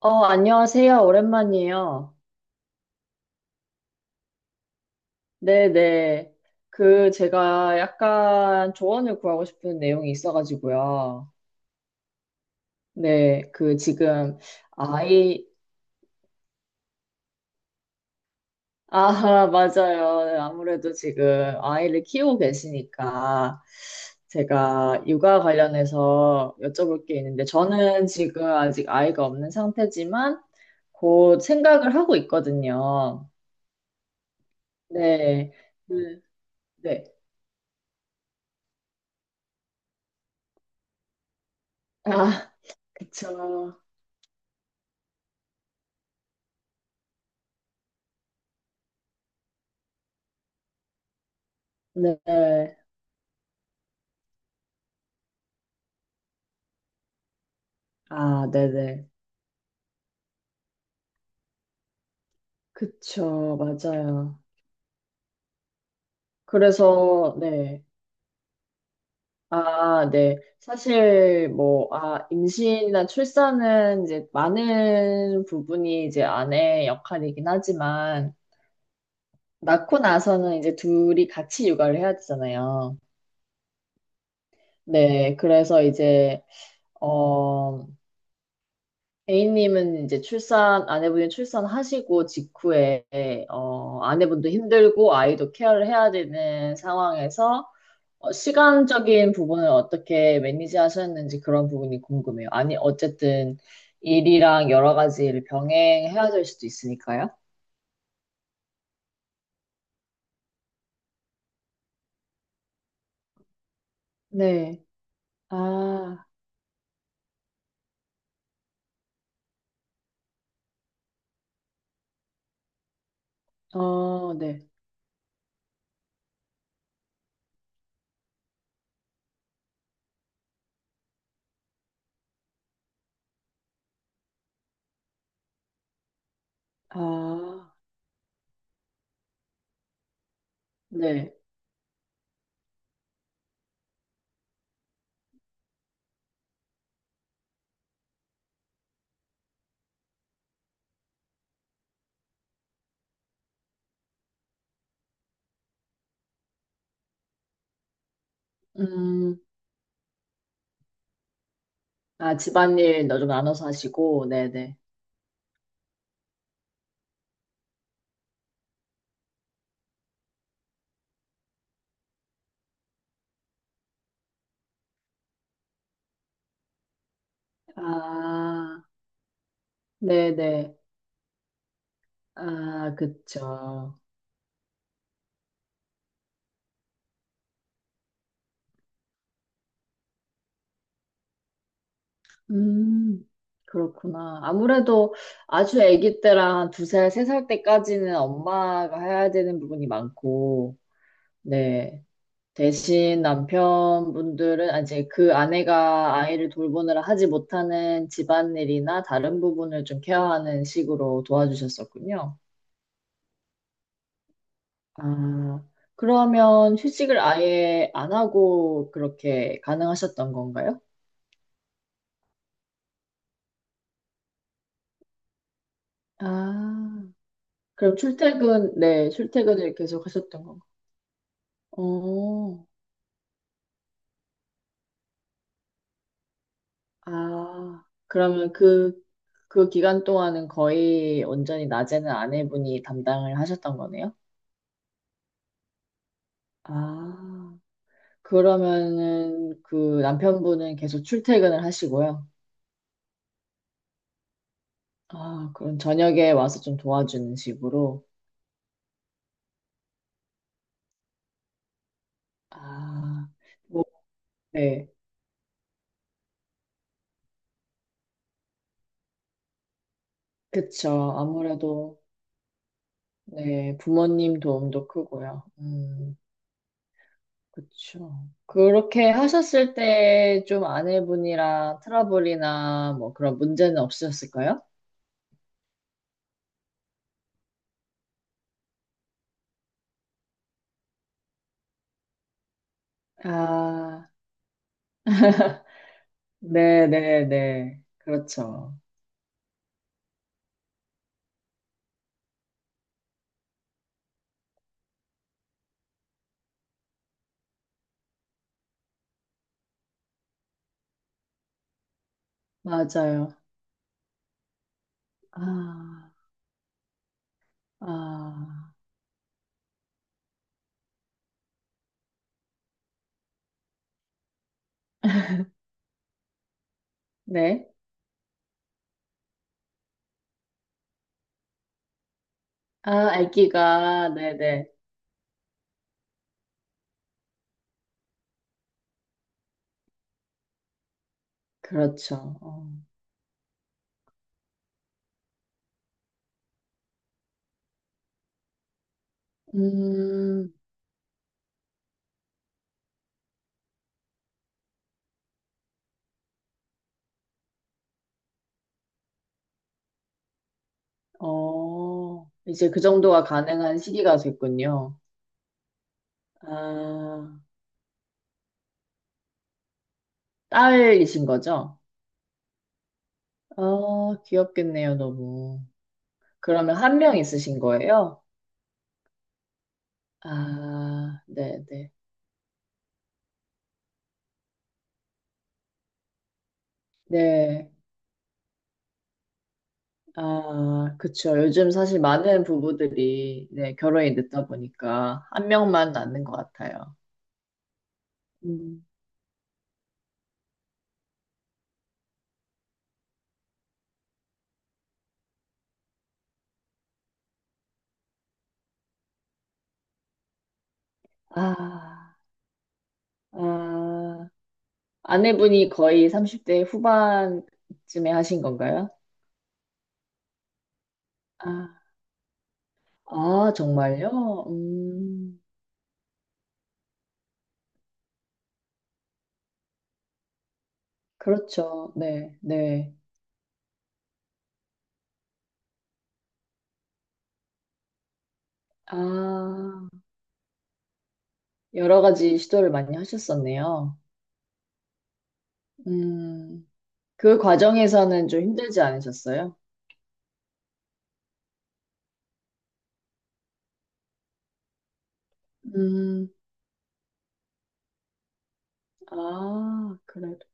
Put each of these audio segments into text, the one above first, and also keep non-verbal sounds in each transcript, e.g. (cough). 안녕하세요. 오랜만이에요. 네네. 그, 제가 약간 조언을 구하고 싶은 내용이 있어가지고요. 네, 그, 지금, 아이, 아, (laughs) 맞아요. 아무래도 지금 아이를 키우고 계시니까, 제가 육아 관련해서 여쭤볼 게 있는데, 저는 지금 아직 아이가 없는 상태지만, 곧 생각을 하고 있거든요. 네. 그, 네. 아, 그쵸. 네. 아, 네네. 그쵸, 맞아요. 그래서, 네. 아, 네. 사실, 뭐, 아, 임신이나 출산은 이제 많은 부분이 이제 아내의 역할이긴 하지만, 낳고 나서는 이제 둘이 같이 육아를 해야 되잖아요. 네. 그래서 이제, 어, A님은 이제 출산, 아내분이 출산하시고 직후에, 아내분도 힘들고 아이도 케어를 해야 되는 상황에서 시간적인 부분을 어떻게 매니지 하셨는지 그런 부분이 궁금해요. 아니, 어쨌든 일이랑 여러 가지를 병행해야 될 수도 있으니까요. 네. 아, 어, 네. 아, 네. 음, 아, 집안일 너 좀 나눠서 하시고, 네네. 아, 네네. 아, 그쵸. 음, 그렇구나. 아무래도 아주 아기 때랑 한 두 살, 세 살 때까지는 엄마가 해야 되는 부분이 많고, 네. 대신 남편분들은 아, 이제 그 아내가 아이를 돌보느라 하지 못하는 집안일이나 다른 부분을 좀 케어하는 식으로 도와주셨었군요. 아, 그러면 휴직을 아예 안 하고 그렇게 가능하셨던 건가요? 아, 그럼 출퇴근, 네, 출퇴근을 계속 하셨던 건가요? 어, 아, 그러면 그, 그 기간 동안은 거의 온전히 낮에는 아내분이 담당을 하셨던 거네요? 아, 그러면은 그 남편분은 계속 출퇴근을 하시고요. 아, 그럼 저녁에 와서 좀 도와주는 식으로. 아, 뭐, 네, 그쵸. 아무래도, 네, 부모님 도움도 크고요. 음. 그쵸. 그렇게 하셨을 때 좀 아내분이랑 트러블이나 뭐 그런 문제는 없으셨을까요? 아, 네네네. 그렇죠. 맞아요. 아, 아, (laughs) 네. 아, 아기가, 네네. 그렇죠. 어. 음, 어, 이제 그 정도가 가능한 시기가 됐군요. 아, 딸이신 거죠? 아, 귀엽겠네요, 너무. 그러면 한 명 있으신 거예요? 아, 네, 네. 네. 아, 그쵸. 요즘 사실 많은 부부들이 네, 결혼이 늦다 보니까 한 명만 낳는 것 같아요. 음. 아, 아, 아내분이 거의 30대 후반쯤에 하신 건가요? 아, 아, 정말요? 그렇죠. 네, 네. 아, 여러 가지 시도를 많이 하셨었네요. 음. 그 과정에서는 좀 힘들지 않으셨어요? 음, 아, 그래도.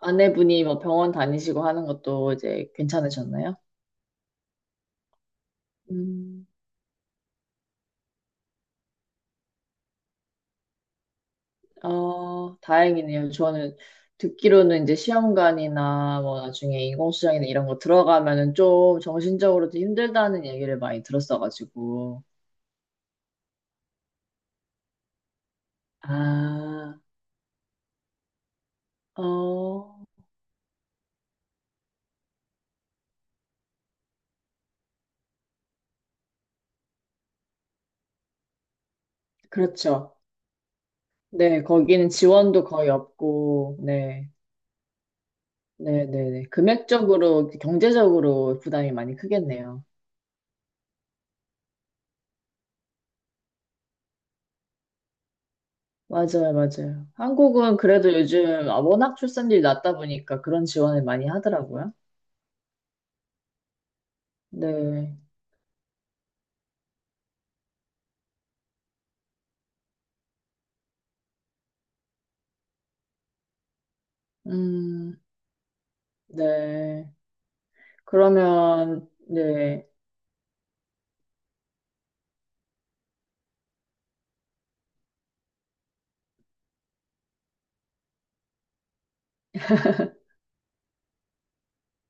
아내분이 뭐 병원 다니시고 하는 것도 이제 괜찮으셨나요? 음, 어, 다행이네요. 저는 듣기로는 이제 시험관이나 뭐 나중에 인공수정이나 이런 거 들어가면은 좀 정신적으로도 힘들다는 얘기를 많이 들었어가지고. 아, 어, 그렇죠. 네, 거기는 지원도 거의 없고, 네. 네네네. 금액적으로, 경제적으로 부담이 많이 크겠네요. 맞아요, 맞아요. 한국은 그래도 요즘 아, 워낙 출산율이 낮다 보니까 그런 지원을 많이 하더라고요. 네. 음, 네. 그러면, 네.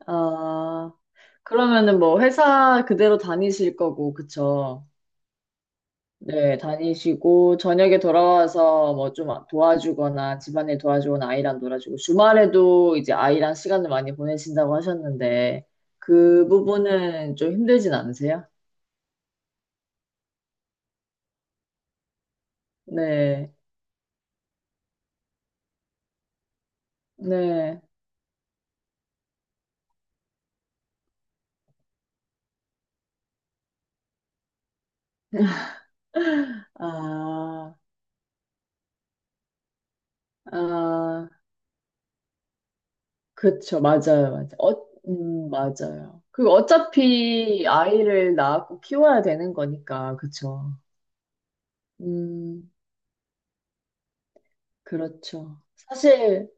아, 그러면은 뭐 회사 그대로 다니실 거고, 그쵸? 네, 다니시고, 저녁에 돌아와서 뭐 좀 도와주거나, 집안일 도와주거나, 아이랑 놀아주고, 주말에도 이제 아이랑 시간을 많이 보내신다고 하셨는데, 그 부분은 좀 힘들진 않으세요? 네, 네. 아, 아, 그쵸. 맞아요, 맞아요. 어, 맞아요. 그리고 어차피 아이를 낳고 키워야 되는 거니까, 그쵸. 음, 그렇죠. 사실,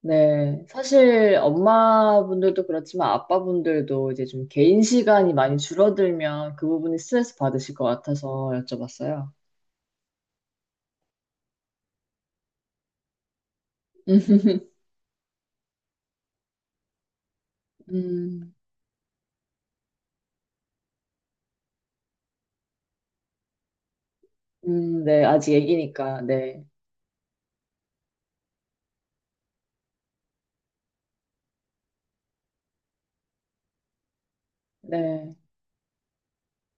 네, 사실 엄마분들도 그렇지만 아빠분들도 이제 좀 개인 시간이 많이 줄어들면 그 부분이 스트레스 받으실 것 같아서 여쭤봤어요. (laughs) 음, 네, 아직 애기니까, 네, 네,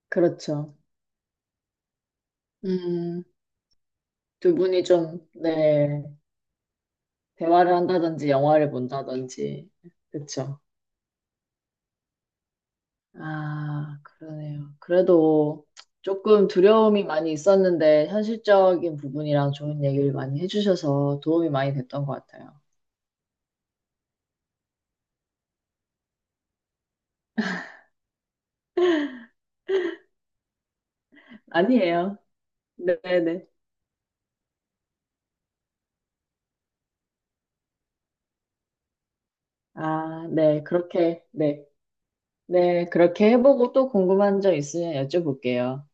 그렇죠. 음, 두 분이 좀, 네, 대화를 한다든지 영화를 본다든지, 그렇죠. 아, 그러네요. 그래도 조금 두려움이 많이 있었는데 현실적인 부분이랑 좋은 얘기를 많이 해주셔서 도움이 많이 됐던 것 같아요. 아니에요. 네네. 아, 네. 그렇게, 네. 네. 그렇게 해보고 또 궁금한 점 있으면 여쭤볼게요.